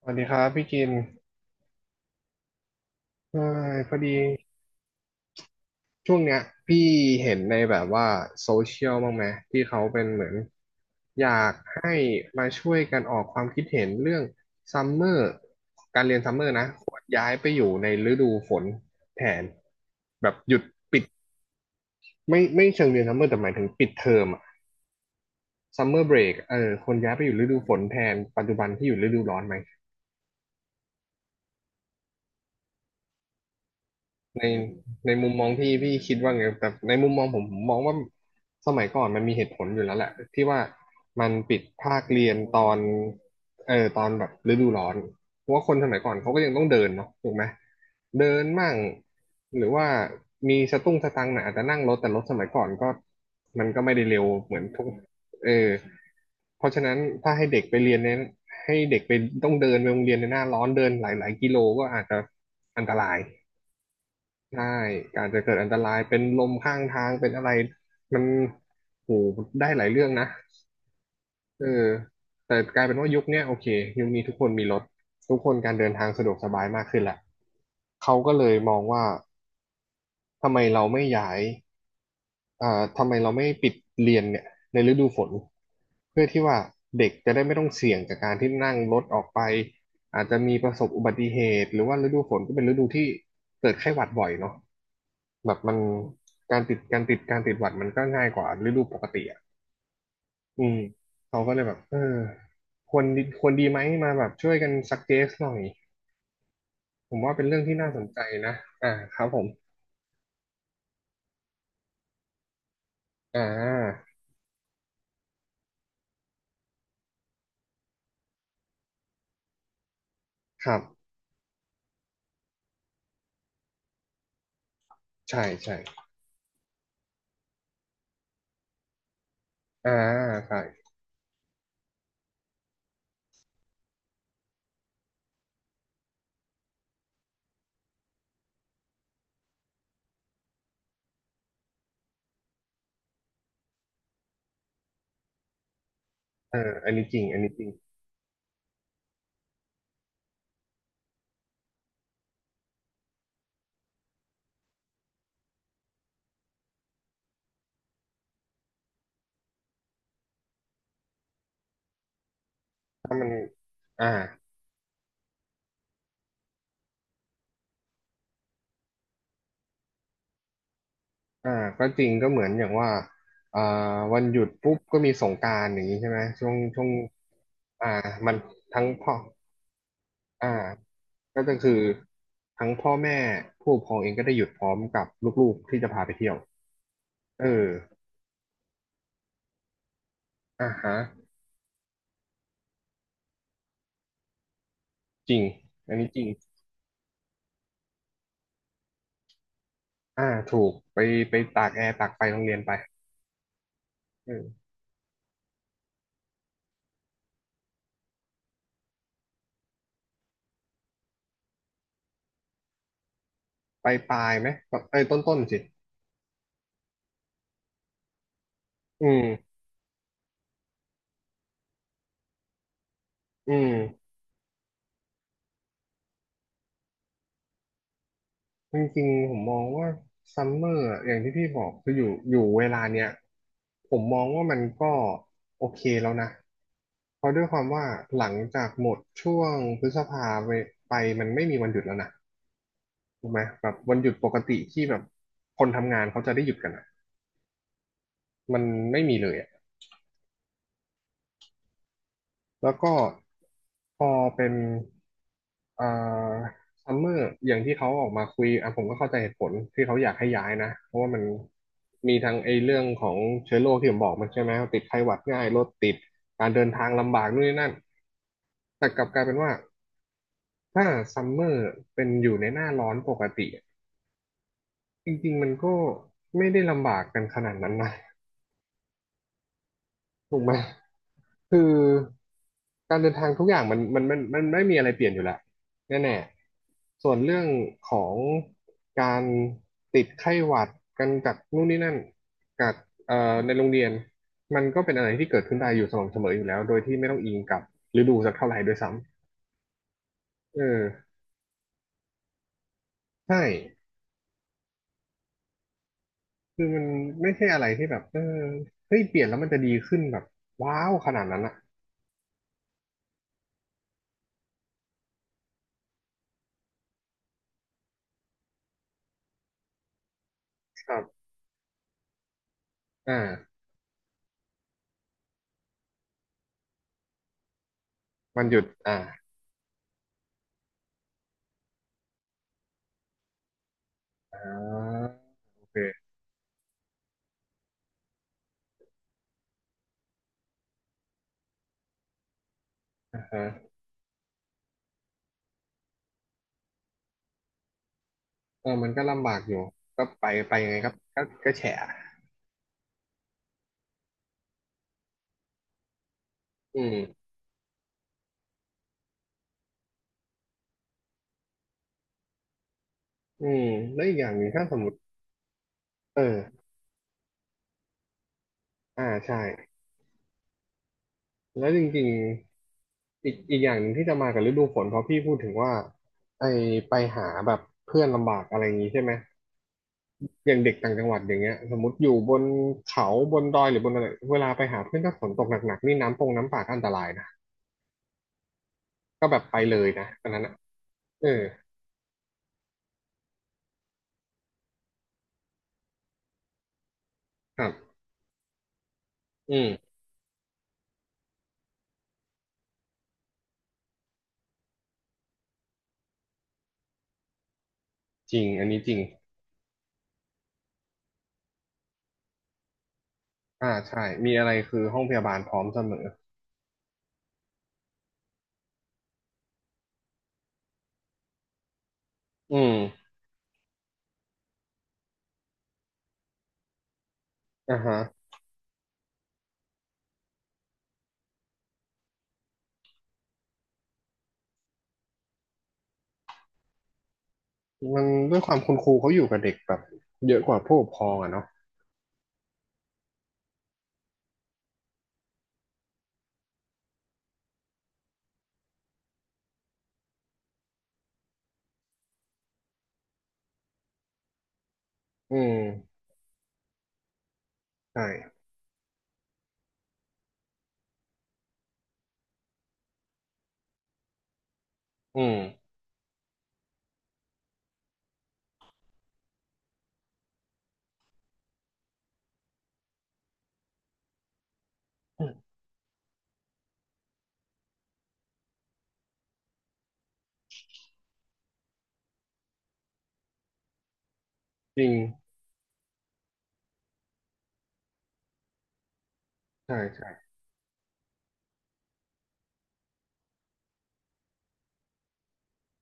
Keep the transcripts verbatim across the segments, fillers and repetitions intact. สวัสดีครับพี่กินเอยพอดีช่วงเนี้ยพี่เห็นในแบบว่าโซเชียลบ้างไหมที่เขาเป็นเหมือนอยากให้มาช่วยกันออกความคิดเห็นเรื่องซัมเมอร์การเรียนซัมเมอร์นะควรย้ายไปอยู่ในฤดูฝนแทนแบบหยุดปิดไม่ไม่เชิงเรียนซัมเมอร์แต่หมายถึงปิดเทอมอะซัมเมอร์เบรกเออควรย้ายไปอยู่ฤดูฝนแทนปัจจุบันที่อยู่ฤดูร้อนไหม ในในมุมมองพี่พี่คิดว่าไงแต่ในมุมมองผมผมมองว่าสมัยก่อนมันมีเหตุผลอยู่แล้วแหละที่ว่ามันปิดภาคเรียนตอนเออตอนแบบฤดูร้อนเพราะว่าคนสมัยก่อนเขาก็ยังต้องเดินเนาะถูกไหมเดินมั่งหรือว่ามีสตุ้งสตังค์หน่อยอาจจะนั่งรถแต่รถสมัยก่อนก็มันก็ไม่ได้เร็วเหมือนทุกเออเพราะฉะนั้นถ้าให้เด็กไปเรียนเนี่ยให้เด็กไปต้องเดินไปโรงเรียนในหน้าร้อนเดินหลายๆกิโลก็อาจจะอันตราย ใช่การจะเกิดอันตรายเป็นลมข้างทางเป็นอะไรมันโหได้หลายเรื่องนะเออแต่กลายเป็นว่ายุคเนี้ยโอเคยุคนี้ทุกคนมีรถทุกคนการเดินทางสะดวกสบายมากขึ้นแหละเขาก็เลยมองว่าทำไมเราไม่ย้าย อ่าทำไมเราไม่ปิดเรียนเนี่ยในฤดูฝนเพื่อที่ว่าเด็กจะได้ไม่ต้องเสี่ยงกับการที่นั่งรถออกไปอาจจะมีประสบอุบัติเหตุหรือว่าฤดูฝนก็เป็นฤดูที่เกิดไข้หวัดบ่อยเนาะแบบมันการติดการติดการติดหวัดมันก็ง่ายกว่าฤดูปกติอ่ะอืมเขาก็เลยแบบเออควรดีควรดีไหมมาแบบช่วยกันซักเจสหน่อยผมว่าเป็นเรื่องที่น่าสนใจนะอ่าครับผมอ่าครับใช่ใช่อ่าใช่ เอออันนี้จริง อันนี้จริงถ้ามันอ่าอ่าก็จริงก็เหมือนอย่างว่าอ่าวันหยุดปุ๊บก็มีสงกรานต์อย่างนี้ใช่ไหมช่วงช่วงอ่ามันทั้งพ่ออ่าก็จะคือทั้งพ่อแม่ผู้ปกครองเองก็ได้หยุดพร้อมกับลูกๆที่จะพาไปเที่ยวเอออ่าฮะจริง อันนี้จริงอ่าถูกไปไปตากแอร์ตากไฟโรงเรียนไปเออไปปลายไหมเอ้ยต้นต้นสิอืมอืม จริงๆผมมองว่าซัมเมอร์อย่างที่พี่บอกคืออยู่อยู่เวลาเนี้ยผมมองว่ามันก็โอเคแล้วนะเพราะด้วยความว่าหลังจากหมดช่วงพฤษภาไปไปมันไม่มีวันหยุดแล้วนะถูกไหมแบบวันหยุดปกติที่แบบคนทำงานเขาจะได้หยุดกันอะมันไม่มีเลยอะ แล้วก็พอเป็นเอ่อซัมเมอร์อย่างที่เขาออกมาคุยอ่ะผมก็เข้าใจเหตุผลที่เขาอยากให้ย้ายนะเพราะว่ามันมีทั้งไอ้เรื่องของเชื้อโรคที่ผมบอกมันใช่ไหมติดไข้หวัดง่ายรถติดการเดินทางลำบากนู่นนี่นั่นแต่กลับกลายเป็นว่าถ้าซัมเมอร์เป็นอยู่ในหน้าร้อนปกติจริงๆมันก็ไม่ได้ลำบากกันขนาดนั้นนะ ถูกไหม คือการเดินทางทุกอย่างมันมันมันมันไม่มีอะไรเปลี่ยนอยู่แล้วแน่ๆส่วนเรื่องของการติดไข้หวัดกันจากนู่นนี่นั่นจากเอ่อในโรงเรียนมันก็เป็นอะไรที่เกิดขึ้นได้อยู่สม่ำเสมออยู่แล้วโดยที่ไม่ต้องอิงกับฤดูสักเท่าไหร่ด้วยซ้ำเออใช่คือมันไม่ใช่อะไรที่แบบเออเฮ้ยเปลี่ยนแล้วมันจะดีขึ้นแบบว้าวขนาดนั้นอะครับอ่ามันหยุดอ่าอ่าโอเคอ่าฮะ เออมันก็ลำบากอยู่ก็ไปไปยังไงครับก็ก็แฉะอืมอืมแล้วอีกอย่างหนึ่งถ้าสมมติเอออ่าใช่แล้วจริงๆอีกอีกอย่างหนึ่งที่จะมากับฤดูฝนเพราะพี่พูดถึงว่าไอไปหาแบบเพื่อนลำบากอะไรอย่างนี้ใช่ไหมอย่างเด็กต่างจังหวัดอย่างเงี้ยสมมติอยู่บนเขาบนดอยหรือบนอะไรเวลาไปหาเพื่อนถ้าฝนตกหนักๆนี่น้ำปงน้ำป่าก็อันตรายนะก็แบบไปเลยนะอันนั้นอ่ะเออครับอืมจริง อันนี้จริงอ่าใช่มีอะไรคือห้องพยาบาลพร้อมเสมอ อืมอ่าฮะมันด้วยความคุณครูเขาอยู่กับเด็กแบบเยอะกว่าผู้ปกครองอะเนาะอืมใช่อืมจริงใช่ใช่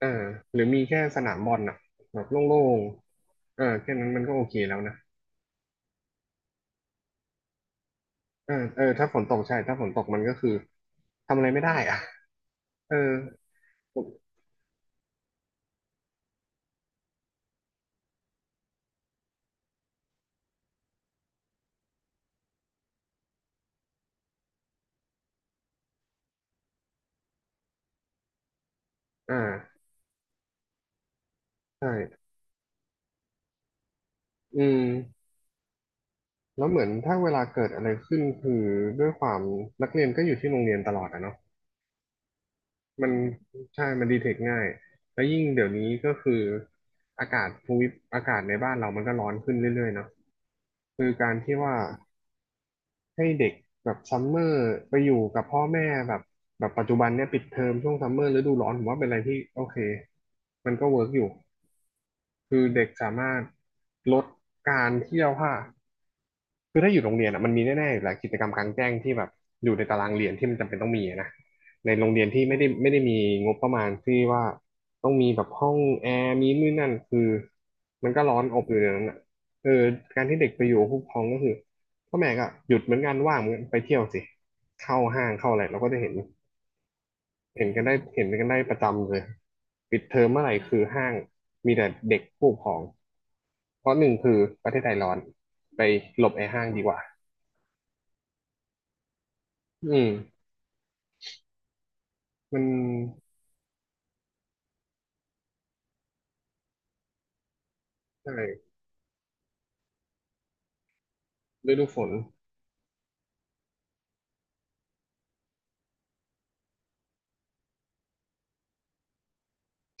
เออหรือมีแค่สนามบอลน่ะแบบโล่งๆเออแค่นั้นมันก็โอเคแล้วนะเออเออถ้าฝนตกใช่ถ้าฝนตกมันก็คือทำอะไรไม่ได้อ่ะเออผมอ่าใช่อืมแล้วเหมือนถ้าเวลาเกิดอะไรขึ้นคือด้วยความนักเรียนก็อยู่ที่โรงเรียนตลอดอะเนาะ มันใช่ มันดีเทคง่าย แล้วยิ่งเดี๋ยวนี้ก็คืออากาศภูมิอากาศในบ้านเรามันก็ร้อนขึ้นเรื่อยๆเนาะคือการที่ว่าให้เด็กแบบซัมเมอร์ไปอยู่กับพ่อแม่แบบแบบปัจจุบันเนี่ยปิดเทอมช่วงซัมเมอร์ฤดูร้อนผมว่าเป็นอะไรที่โอเคมันก็เวิร์กอยู่ คือเด็กสามารถลดการเที่ยวค่า คือถ้าอยู่โรงเรียนอ่ะมันมีแน่ๆอยู่แล้วกิจกรรมกลางแจ้งที่แบบอยู่ในตารางเรียนที่มันจำเป็นต้องมีอะนะในโรงเรียนที่ไม่ได้ไม่ได้มีงบประมาณที่ว่าต้องมีแบบห้องแอร์มีนู่นนั่นคือมันก็ร้อนอบอยู่ในนั้นอ่ะเออการที่เด็กไปอยู่กับผู้ปกครองก็คือพ่อแม่ก็หยุดเหมือนกันว่างเหมือนกันไปเที่ยวสิเข้าห้างเข้าอะไรเราก็จะเห็นเห็นกันได้เห็นกันได้ประจำเลยปิดเทอมเมื่อไหร่คือห้างมีแต่เด็กผู้ปกครองเพราะหนึ่งคือประเทศไทยร้อนไปหลบไอ้ห้างดีกว่า อืมมันใช่ฤดูฝน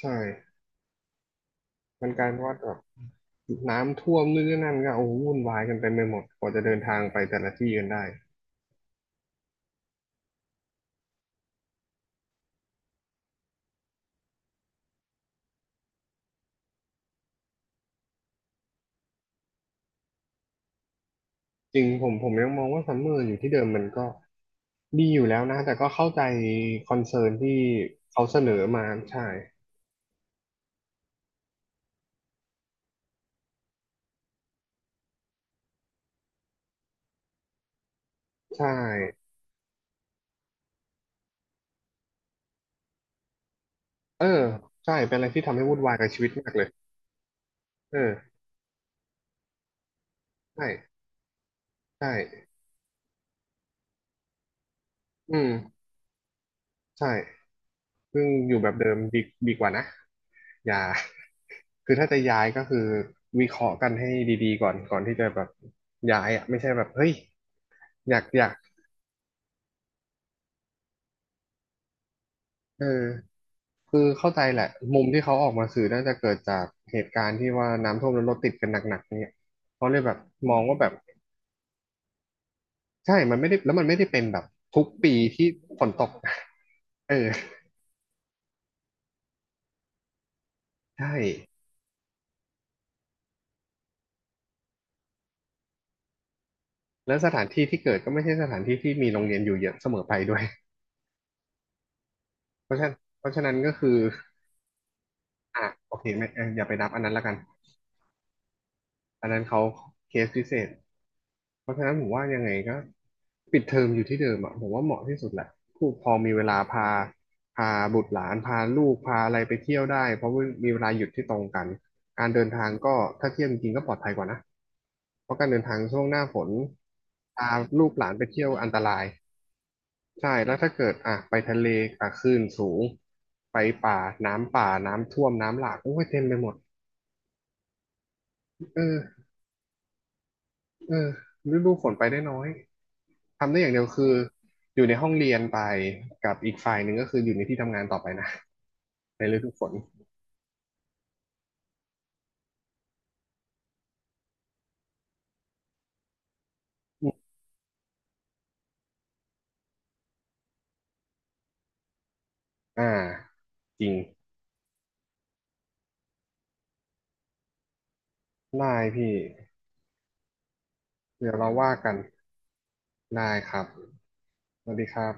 ใช่มันกลายเป็นว่าแบบน้ำท่วมนู่นนี่นั่นก็โอ้โหวุ่นวายกันเต็มไปหมดกว่าจะเดินทางไปแต่ละที่กันได้จริงผมผมยังมองว่าซัมเมอร์อยู่ที่เดิมมันก็ดีอยู่แล้วนะแต่ก็เข้าใจคอนเซิร์นที่เขาเสนอมาใช่ใช่เออใช่เป็นอะไรที่ทำให้วุ่นวายกับชีวิตมากเลยเออใช่ใช่อืมใช่ ซึ่งอยู่แบบเดิมดีดีกว่านะอย่า คือถ้าจะย้ายก็คือวิเคราะห์กันให้ดีๆก่อนก่อนที่จะแบบย้ายอ่ะไม่ใช่แบบเฮ้ยอยากอยากเออคือเข้าใจแหละมุมที่เขาออกมาสื่อน่าจะเกิดจากเหตุการณ์ที่ว่าน้ำท่วมแล้วรถติดกันหนักๆเนี่ยเขาเลยแบบมองว่าแบบใช่มันไม่ได้แล้วมันไม่ได้เป็นแบบทุกปีที่ฝนตก เออใช่แล้วสถานที่ที่เกิดก็ไม่ใช่สถานที่ที่มีโรงเรียนอยู่เยอะเสมอไปด้วยเพราะฉะนั้นก็คือ อ่ะโอเคไม่เอ่ออย่าไปนับอันนั้นละกันอันนั้นเขาเคสพิเศษเพราะฉะนั้นผมว่ายังไงก็ปิดเทอมอยู่ที่เดิมอ่ะผมว่าเหมาะที่สุดแหละผู้ปกครองมีเวลาพาพาบุตรหลานพาลูกพาอะไรไปเที่ยวได้เพราะว่ามีเวลาหยุดที่ตรงกันการเดินทางก็ถ้าเที่ยวจริงๆก็ปลอดภัยกว่านะเพราะการเดินทางช่วงหน้าฝนพาลูกหลานไปเที่ยวอันตรายใช่แล้วถ้าเกิดอ่ะไปทะเลอ่ะคลื่นสูงไปป่าน้ำป่าน้ำท่วมน้ำหลากโอ้ยเต็มไปหมดเออ เออฤดูฝนไปได้น้อย ทำได้อย่างเดียวคืออยู่ในห้องเรียนไปกับอีกฝ่ายหนึ่งก็คืออยู่ในที่ทำงานต่อไปนะในฤดูฝนอมอ่าจริงได้พี่เดี๋ยวเราว่ากันได้ครับสวัสดีครับ